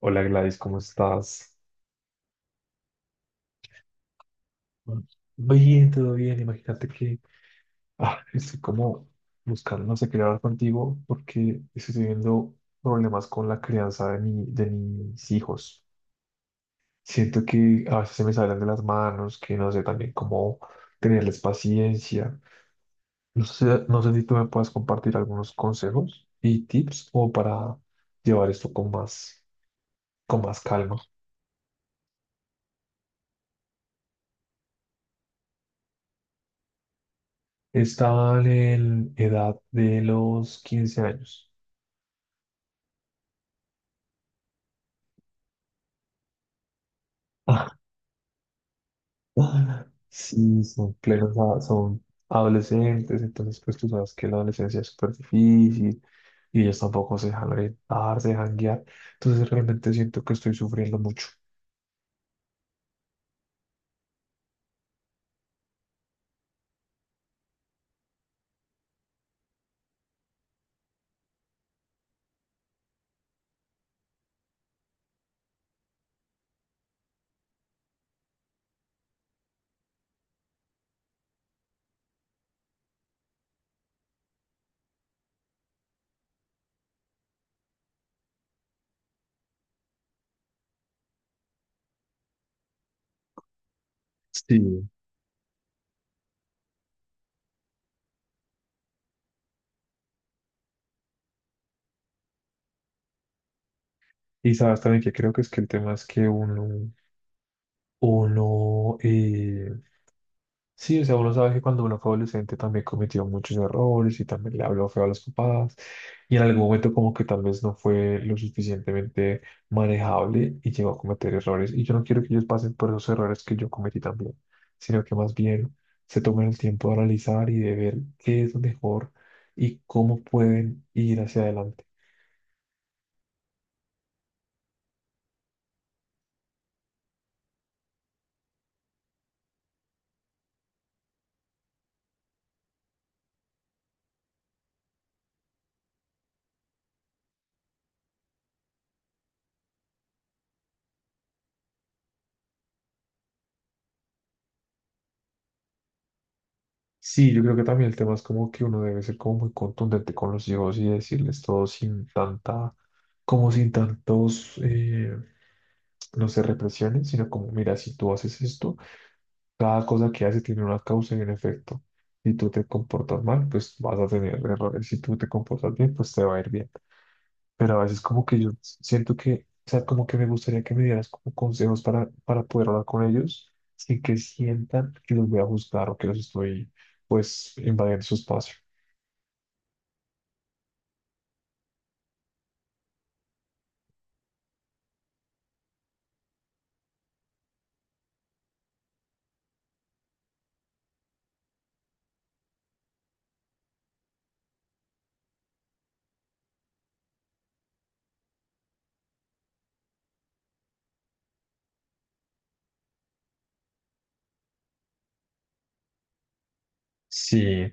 Hola, Gladys, ¿cómo estás? Bien, todo bien. Imagínate que estoy como buscando, no sé, quería hablar contigo porque estoy teniendo problemas con la crianza de mis hijos. Siento que a veces se me salen de las manos, que no sé también cómo tenerles paciencia. No sé si tú me puedes compartir algunos consejos y tips o para llevar esto con más calma. Están en edad de los 15 años. Ah, sí, son plenos, son adolescentes, entonces pues tú sabes que la adolescencia es súper difícil y ellos tampoco se dejan orientar, se dejan guiar, entonces realmente siento que estoy sufriendo mucho. Sí. Y sabes también que creo que es que el tema es que uno. Sí, o sea, uno sabe que cuando uno fue adolescente también cometió muchos errores y también le habló feo a los papás y en algún momento como que tal vez no fue lo suficientemente manejable y llegó a cometer errores y yo no quiero que ellos pasen por esos errores que yo cometí también, sino que más bien se tomen el tiempo de analizar y de ver qué es lo mejor y cómo pueden ir hacia adelante. Sí, yo creo que también el tema es como que uno debe ser como muy contundente con los hijos y decirles todo sin tanta, como sin tantos, no se represionen, sino como, mira, si tú haces esto, cada cosa que haces tiene una causa y un efecto. Si tú te comportas mal, pues vas a tener errores. Si tú te comportas bien, pues te va a ir bien. Pero a veces como que yo siento que, o sea, como que me gustaría que me dieras como consejos para poder hablar con ellos sin que sientan que los voy a juzgar o que los estoy, pues, invadiendo su espacio. Sí,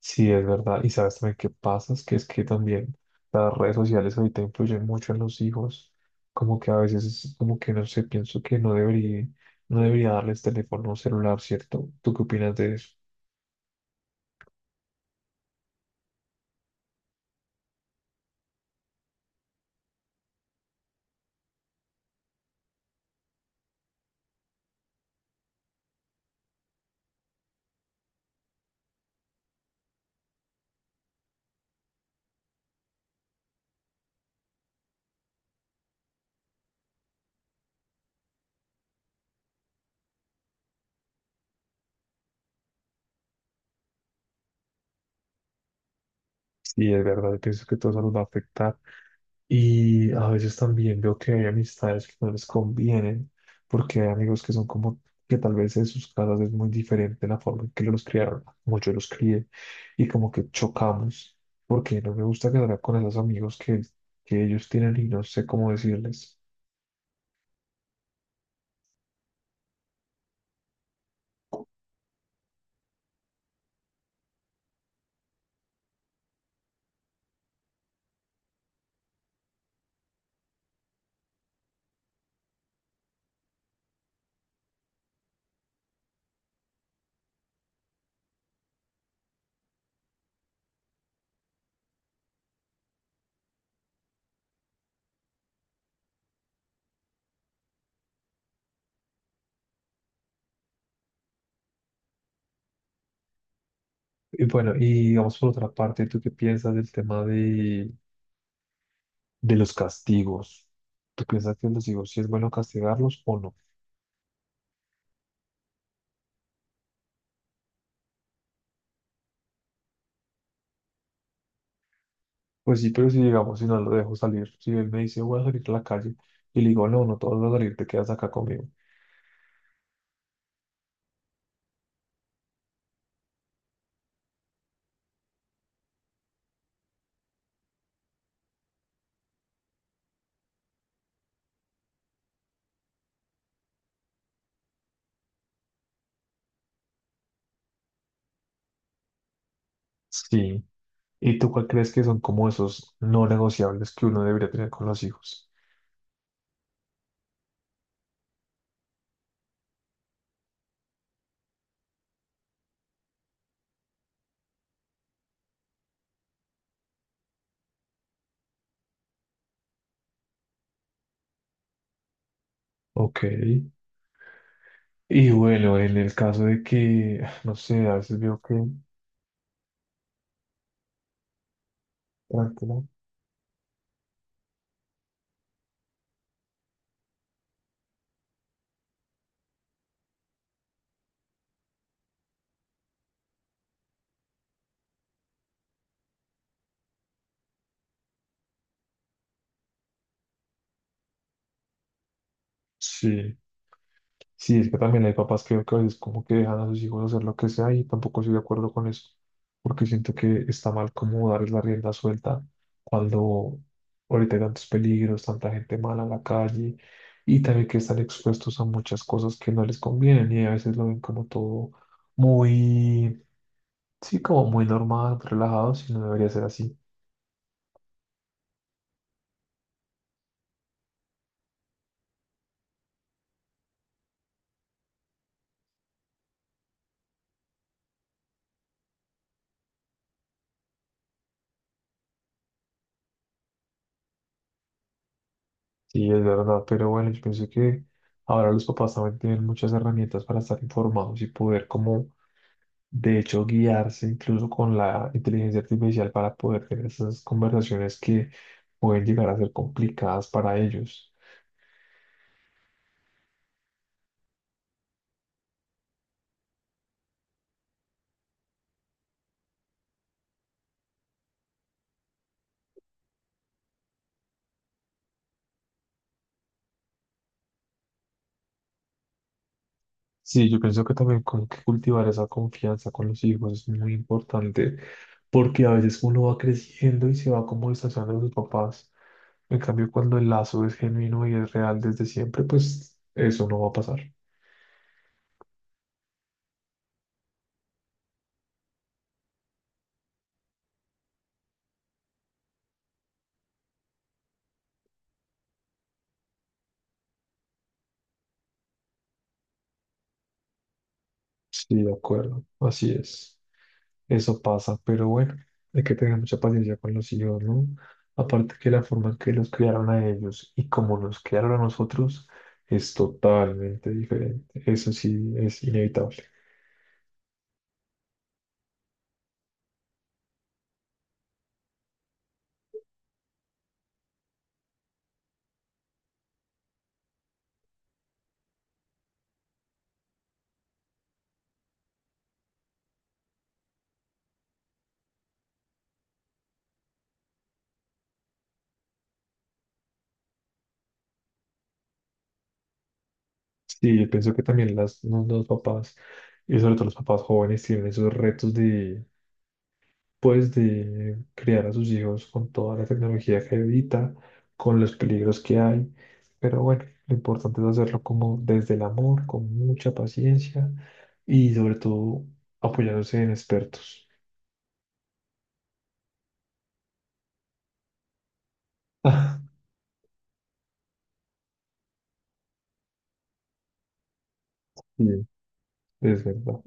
Sí, es verdad. Y sabes también qué pasa, es que también las redes sociales ahorita influyen mucho en los hijos. Como que a veces es como que no sé, pienso que no debería darles teléfono o celular, ¿cierto? ¿Tú qué opinas de eso? Sí, es verdad, yo pienso que todo eso los va a afectar. Y a veces también veo que hay amistades que no les convienen, porque hay amigos que son como que tal vez en sus casas es muy diferente la forma en que los criaron, como yo los crié, y como que chocamos, porque no me gusta quedar con esos amigos que ellos tienen y no sé cómo decirles. Y bueno, y digamos por otra parte, ¿tú qué piensas del tema de los castigos? ¿Tú piensas que los hijos sí es bueno castigarlos o no? Pues sí, pero si digamos, si no lo dejo salir, si él me dice voy a salir a la calle y le digo, no, no, todos vas a salir, te quedas acá conmigo. Sí. ¿Y tú cuál crees que son como esos no negociables que uno debería tener con los hijos? Ok. Y bueno, en el caso de que, no sé, a veces veo que... Tranquila. Sí. Sí, es que también hay papás que a veces como que dejan a sus hijos hacer lo que sea y tampoco estoy de acuerdo con eso, porque siento que está mal como darles la rienda suelta cuando ahorita hay tantos peligros, tanta gente mala en la calle y también que están expuestos a muchas cosas que no les convienen y a veces lo ven como todo muy, sí, como muy normal, relajado, si no debería ser así. Sí, es verdad, pero bueno, yo pienso que ahora los papás también tienen muchas herramientas para estar informados y poder como de hecho, guiarse incluso con la inteligencia artificial para poder tener esas conversaciones que pueden llegar a ser complicadas para ellos. Sí, yo pienso que también con que cultivar esa confianza con los hijos es muy importante porque a veces uno va creciendo y se va como distanciando de sus papás. En cambio, cuando el lazo es genuino y es real desde siempre, pues eso no va a pasar. Sí, de acuerdo, así es. Eso pasa, pero bueno, hay que tener mucha paciencia con los hijos, ¿no? Aparte que la forma en que los criaron a ellos y como nos criaron a nosotros es totalmente diferente. Eso sí es inevitable. Sí, yo pienso que también los papás, y sobre todo los papás jóvenes, tienen esos retos, pues de criar a sus hijos con toda la tecnología que evita, con los peligros que hay. Pero bueno, lo importante es hacerlo como desde el amor, con mucha paciencia y sobre todo apoyándose en expertos. Ah, sí, es verdad.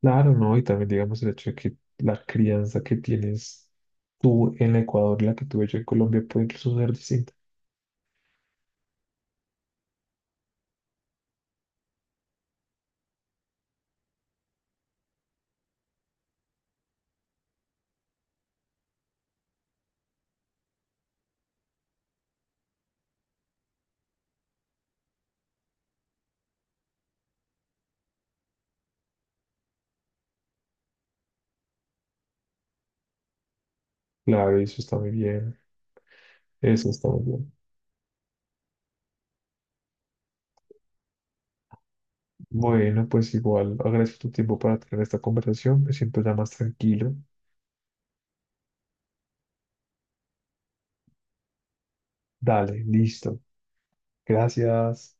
Claro, ¿no? Y también digamos el hecho de que la crianza que tienes tú en Ecuador y la que tuve yo en Colombia puede incluso ser distinta. Claro, eso está muy bien. Eso está muy bien. Bueno, pues igual agradezco tu tiempo para tener esta conversación. Me siento ya más tranquilo. Dale, listo. Gracias.